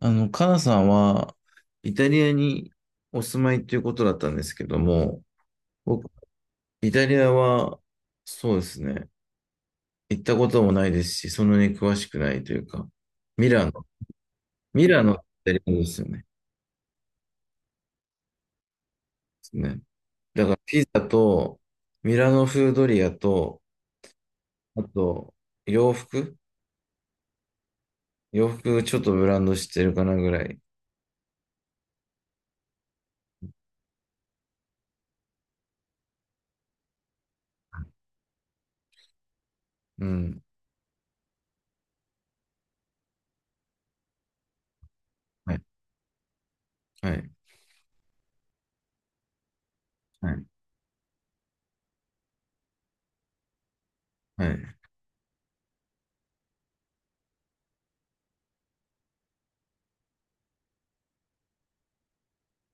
カナさんは、イタリアにお住まいということだったんですけども、僕、イタリアは、そうですね、行ったこともないですし、そんなに詳しくないというか、ミラノ、ミラノってイタリアですよね。ですね。だから、ピザと、ミラノ風ドリアと、あと、洋服洋服ちょっとブランド知ってるかなぐらい。うん。はい。はい。はい。はい。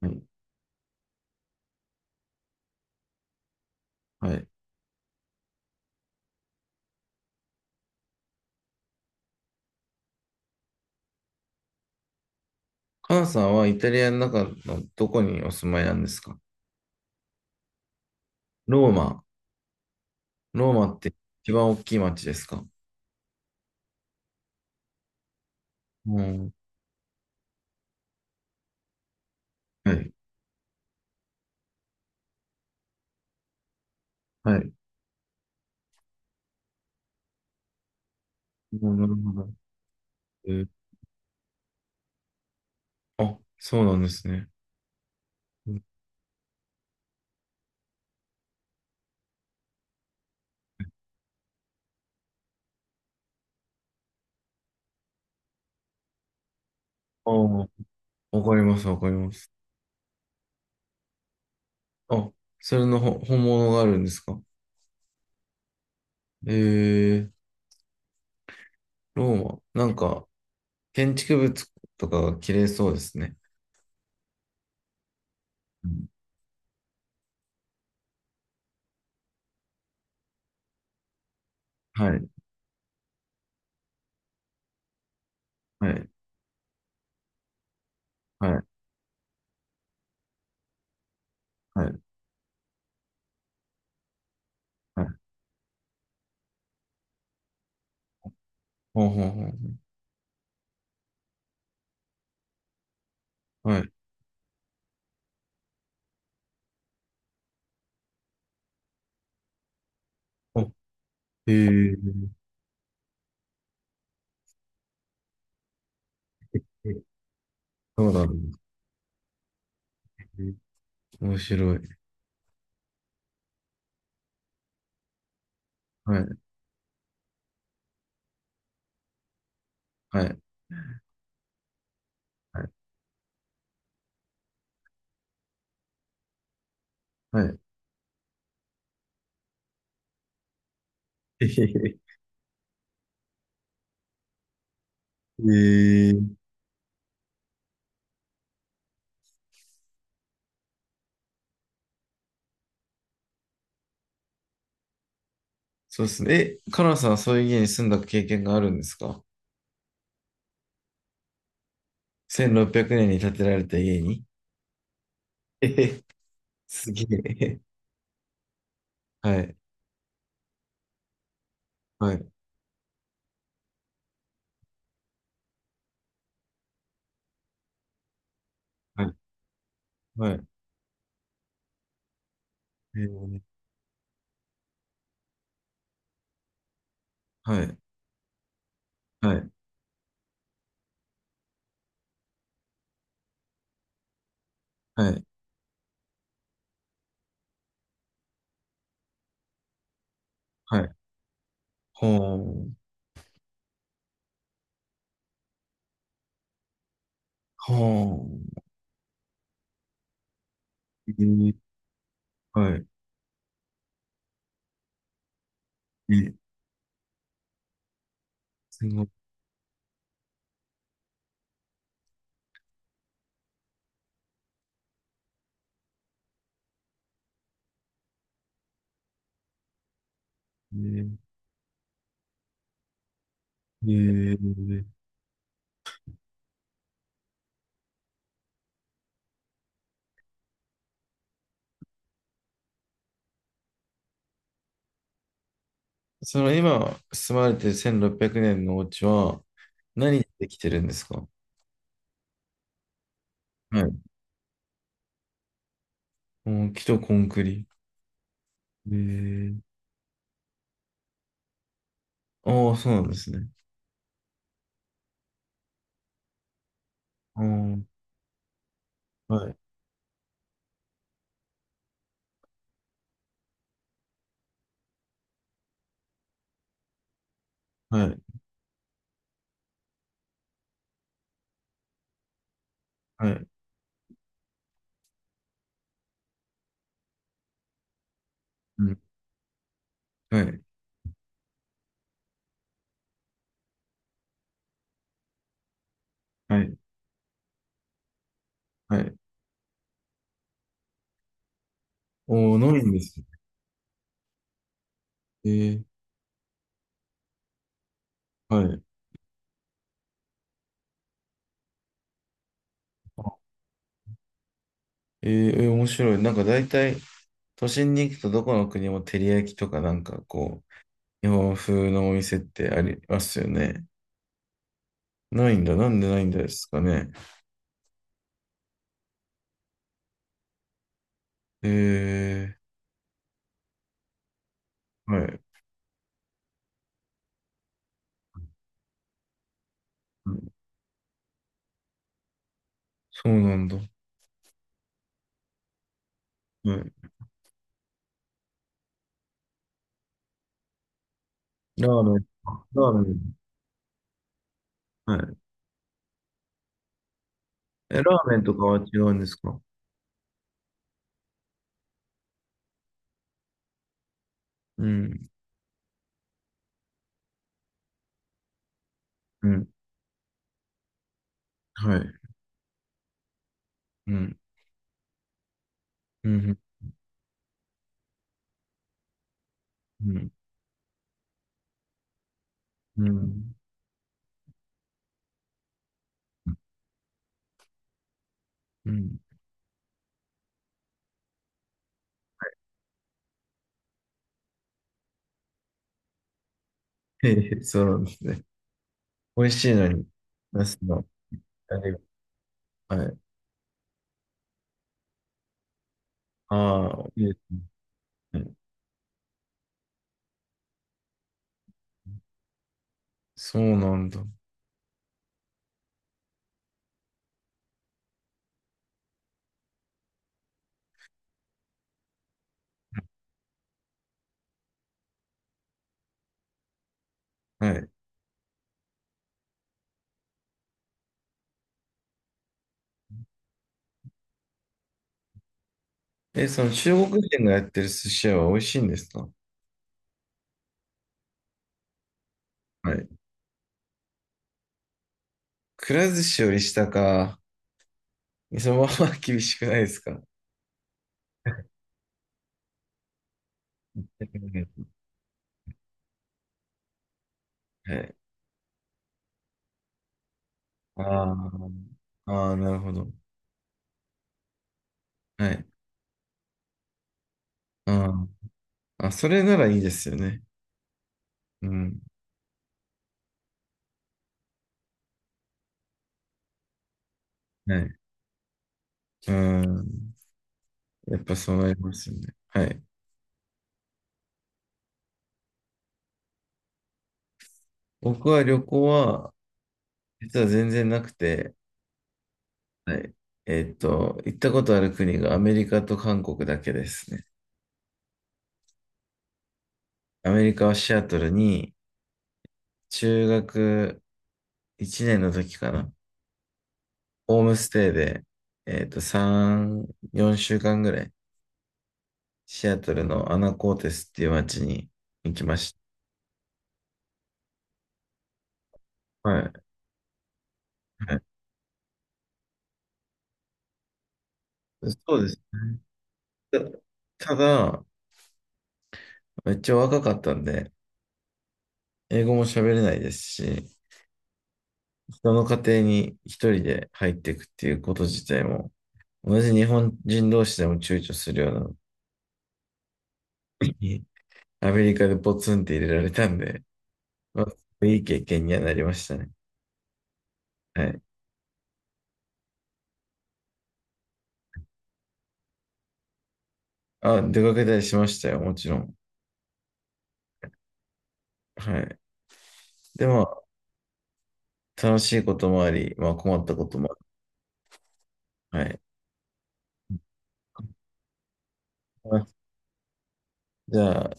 はい。はい。母さんはイタリアの中のどこにお住まいなんですか？ローマ。ローマって一番大きい町ですか？うん。はい。はい。うん、なるほど。えー、あ、そうなんですね。うん、ああ、わかります、わかります。あ、それのほ本物があるんですか？えー、ローマ。なんか、建築物とかが綺麗そうですね。うん、はい、はい、はい、はい、はい。ほんほんほん。はい。あ、えー、そうなんですね。面白い。はい、はい、はい。はい。 えへへ、へえ、そうですね。え、カナさんはそういう家に住んだ経験があるんですか？ 1600 年に建てられた家に？えへ、すげえ。はい、はい、はい、はい。えー、はい、はい、はい、はい。ほーん、ほーん。えー、はい。え、すごい。えー、えーその今住まれてる1600年のお家は何でできてるんですか？はい。うん、木とコンクリ、ええ、ああ、そうなんですね。ああ、はい、はい、はい、うん、はい、はい、はい。おお、ないんですよ。ええ、はい。えええ、面白い。なんか大体、都心に行くとどこの国も照り焼きとかなんかこう、日本風のお店ってありますよね。ないんだ。なんでないんですかね。ええ、はい。うん、そうなんだ。はい。ラーメン。ラーメン。はい。え、ラーメンとかは違うんですか？うん、うん、はい。うん、うん、うん、うん、うん、うん。へえ、そうなんですね。美味しいのに、ナスの、あれが、はい。ああ、いいですね。はい、そうなんだ。はい。え、その中国人がやってる寿司屋は美味しいんですか？はい。くら寿司より下か、そのまま厳しくないですか？ はい。ああ、ああ、なるほど。はい。ああ、あ、それならいいですよね。うん。はい。うん。やっぱそうなりますよね。はい。僕は旅行は、実は全然なくて、はい。行ったことある国がアメリカと韓国だけですね。アメリカはシアトルに中学1年の時かな。ホームステイで、3、4週間ぐらい、シアトルのアナコーテスっていう街に行きました。はい。はい、そうですね。ただ、めっちゃ若かったんで、英語も喋れないですし、人の家庭に一人で入っていくっていうこと自体も、同じ日本人同士でも躊躇するようなのに、アメリカでポツンって入れられたんで、まあ、いい経験にはなりましたね。はい。あ、出かけたりしましたよ、もちろん。はい。でも、楽しいこともあり、まあ困ったこともある。はい。あ、じゃあ、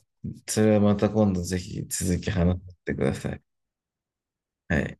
それはまた今度ぜひ続き話してください。はい。